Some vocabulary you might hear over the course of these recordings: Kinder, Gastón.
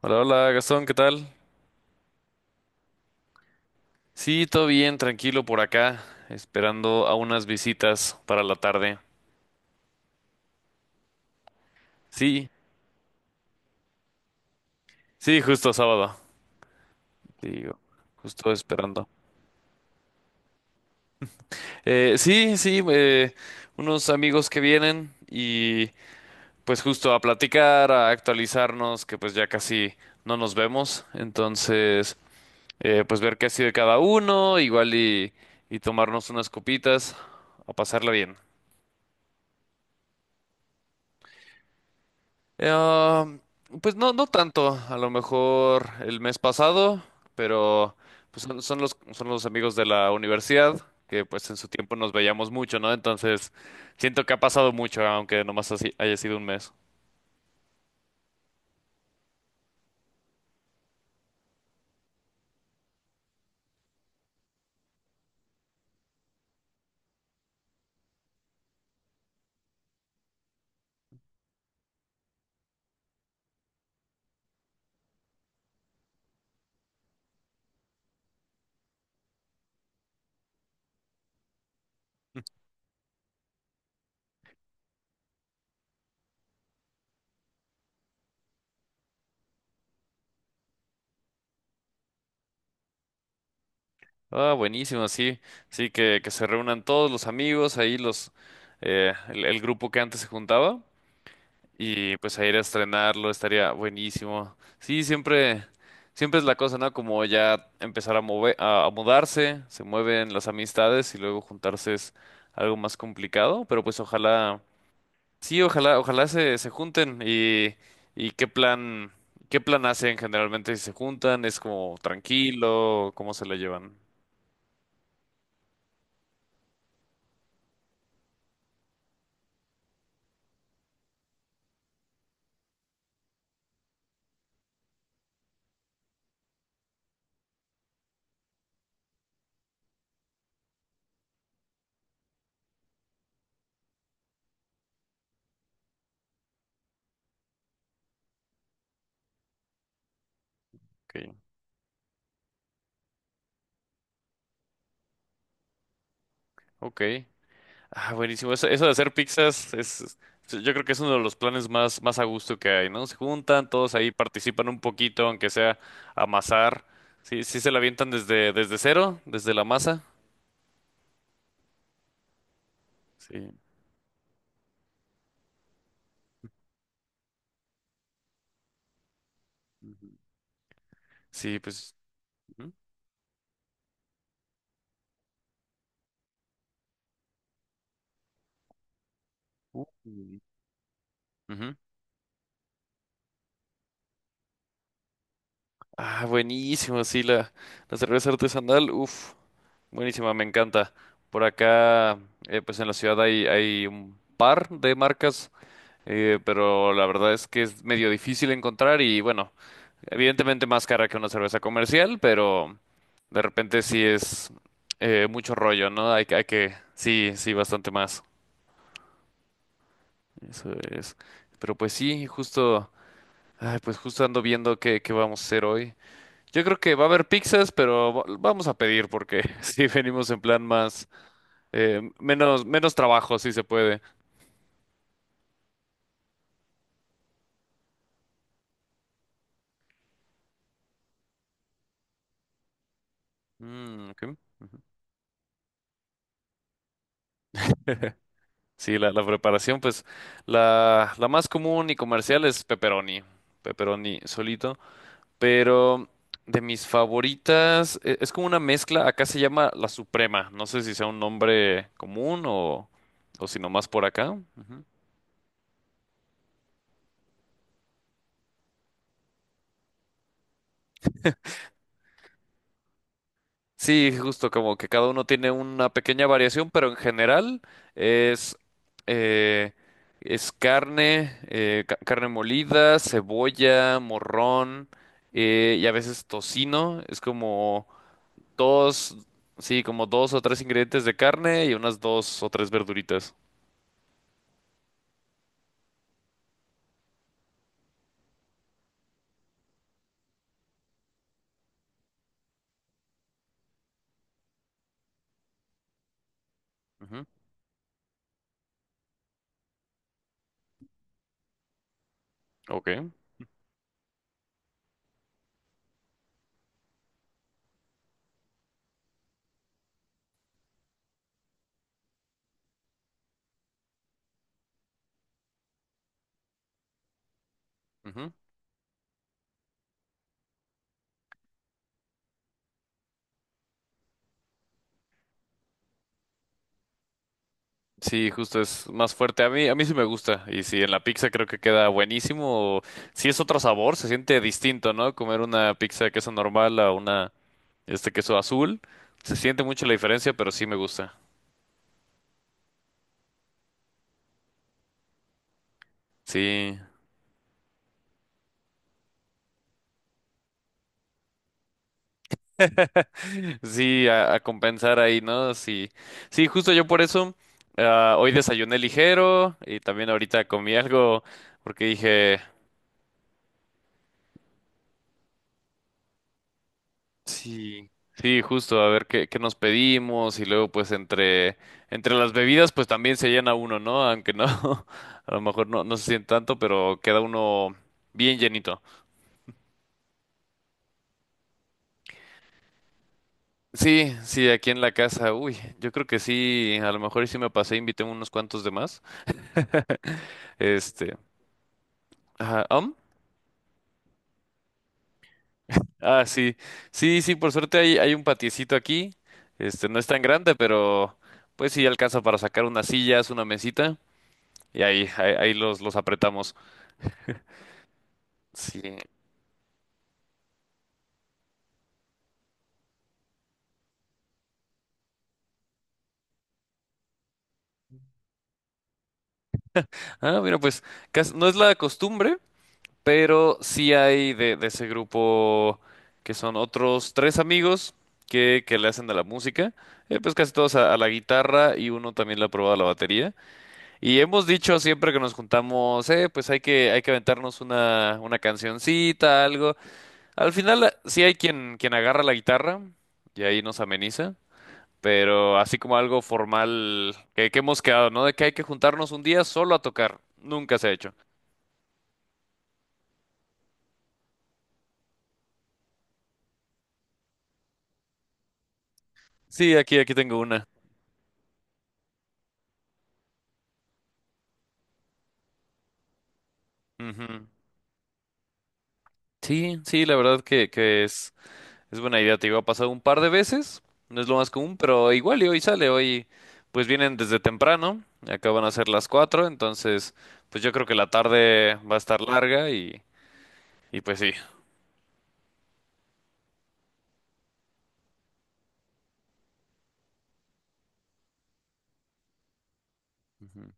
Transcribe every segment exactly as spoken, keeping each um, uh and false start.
Hola, hola Gastón, ¿qué tal? Sí, todo bien, tranquilo por acá, esperando a unas visitas para la tarde. Sí, sí, justo sábado. Digo, justo esperando. Eh, sí, sí, eh, unos amigos que vienen y pues justo a platicar, a actualizarnos, que pues ya casi no nos vemos. Entonces, eh, pues ver qué ha sido de cada uno, igual y, y tomarnos unas copitas, a pasarla bien. Eh, ah, pues no, no tanto, a lo mejor el mes pasado, pero pues son, son los, son los amigos de la universidad que pues en su tiempo nos veíamos mucho, ¿no? Entonces siento que ha pasado mucho, aunque nomás así haya sido un mes. Ah, buenísimo, sí, sí, que, que se reúnan todos los amigos, ahí los, eh, el, el grupo que antes se juntaba. Y pues a ir a estrenarlo estaría buenísimo. Sí, siempre, siempre es la cosa, ¿no? Como ya empezar a mover, a, a mudarse, se mueven las amistades y luego juntarse es algo más complicado, pero pues ojalá, sí, ojalá, ojalá se, se junten, y, y qué plan, qué plan hacen generalmente si se juntan, es como tranquilo, cómo se la llevan. Ok, ok. Ah, buenísimo. Eso, eso de hacer pizzas es, es- yo creo que es uno de los planes más, más a gusto que hay, ¿no? Se juntan, todos ahí participan un poquito, aunque sea amasar. Sí, sí se la avientan desde, desde cero, desde la masa. Sí. Ujú. Sí, pues. Ujú. Uh. Ujú. Ah, buenísimo, sí, la, la cerveza artesanal, uff, buenísima, me encanta. Por acá, eh, pues en la ciudad hay, hay un par de marcas, eh, pero la verdad es que es medio difícil encontrar y bueno, evidentemente más cara que una cerveza comercial, pero de repente sí es eh, mucho rollo, ¿no? Hay, que- hay que, sí, sí, bastante más. Eso es. Pero pues sí, justo, ay, pues justo ando viendo qué, qué vamos a hacer hoy. Yo creo que va a haber pizzas, pero va- vamos a pedir porque sí venimos en plan más, eh, menos, menos trabajo, si se puede. Mm, ok. Sí, la, la preparación, pues la, la más común y comercial es pepperoni. Pepperoni solito. Pero de mis favoritas, e- es como una mezcla, acá se llama La Suprema, no sé si sea un nombre común o, o si nomás por acá. Ujú. Sí, justo como que cada uno tiene una pequeña variación, pero en general es, eh, es carne, eh, ca- carne molida, cebolla, morrón eh, y a veces tocino, es como dos, sí, como dos o tres ingredientes de carne y unas dos o tres verduritas. Ok. Ujú. Sí, justo es más fuerte. A mí, a mí sí me gusta. Y sí, en la pizza creo que queda buenísimo. Sí es otro sabor, se siente distinto, ¿no? Comer una pizza de queso normal a una, este queso azul. Se siente mucho la diferencia, pero sí me gusta. Sí, sí, a, a compensar ahí, ¿no? Sí, sí, justo yo por eso, ah, hoy desayuné ligero y también ahorita comí algo porque dije. Sí, sí, justo, a ver qué, qué nos pedimos y luego pues entre, entre las bebidas pues también se llena uno, ¿no? Aunque no, a lo mejor no, no se siente tanto, pero queda uno bien llenito. Sí, sí, aquí en la casa, uy, yo creo que sí, a lo mejor y sí me pasé, invité unos cuantos de más. Este, ajá, ¿am? Ah, sí, sí, sí, por suerte hay, hay un patiecito aquí, este, no es tan grande, pero pues sí alcanza para sacar unas sillas, una mesita. Y ahí, ahí, ahí los, los apretamos. Sí. Ah, mira, pues cas- no es la costumbre, pero sí hay de, de ese grupo que son otros tres amigos que, que le hacen de la música. Eh, pues casi todos a, a la guitarra y uno también le ha probado a la batería. Y hemos dicho siempre que nos juntamos, eh, pues hay que, hay que aventarnos una, una cancioncita, algo. Al final eh, sí hay quien, quien agarra la guitarra y ahí nos ameniza. Pero así como algo formal que, que hemos quedado, ¿no? De que hay que juntarnos un día solo a tocar. Nunca se ha hecho. Sí, aquí, aquí tengo una. Ujú. Sí, sí, la verdad que, que es, es buena idea. Te digo, ha pasado un par de veces. No es lo más común, pero igual y hoy sale. Hoy, pues vienen desde temprano. Acaban a ser las cuatro. Entonces, pues yo creo que la tarde va a estar larga y, y pues sí. Ujú.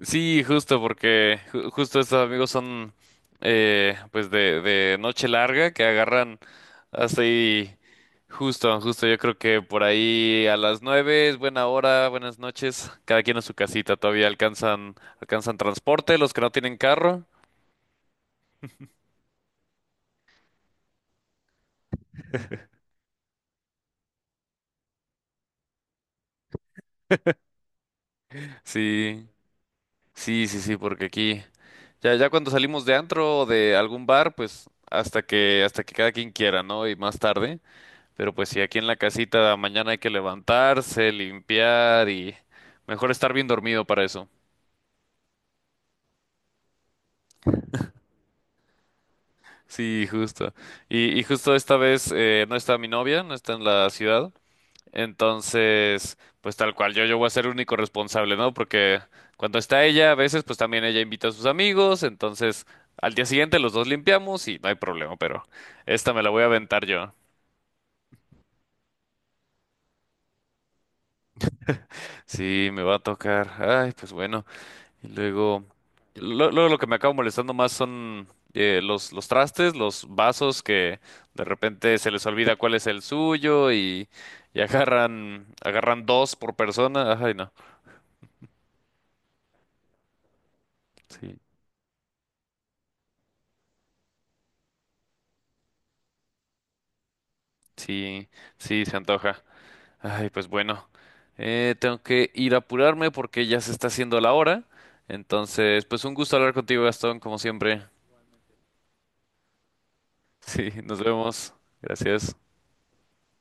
Sí, justo porque ju- justo estos amigos son eh, pues de, de noche larga que agarran hasta ahí justo, justo yo creo que por ahí a las nueve es buena hora, buenas noches, cada quien a su casita, todavía alcanzan, alcanzan, transporte, los que no tienen carro, sí, sí, sí, sí, porque aquí ya, ya cuando salimos de antro o de algún bar, pues hasta que, hasta que cada quien quiera, ¿no? Y más tarde. Pero pues sí, aquí en la casita mañana hay que levantarse, limpiar y mejor estar bien dormido para eso. Sí, justo. Y, y justo esta vez eh, no está mi novia, no está en la ciudad. Entonces, pues tal cual, yo, yo voy a ser el único responsable, ¿no? Porque cuando está ella, a veces pues también ella invita a sus amigos. Entonces, al día siguiente los dos limpiamos y no hay problema, pero esta me la voy a aventar yo. Sí, me va a tocar. Ay, pues bueno. Y luego, lo- luego lo que me acaba molestando más son eh, los, los trastes, los vasos que de repente se les olvida cuál es el suyo y, y agarran, agarran dos por persona. Ay, no. Sí, sí, sí, se antoja. Ay, pues bueno. Eh, tengo que ir a apurarme porque ya se está haciendo la hora. Entonces, pues un gusto hablar contigo, Gastón, como siempre. Sí, nos vemos. Gracias.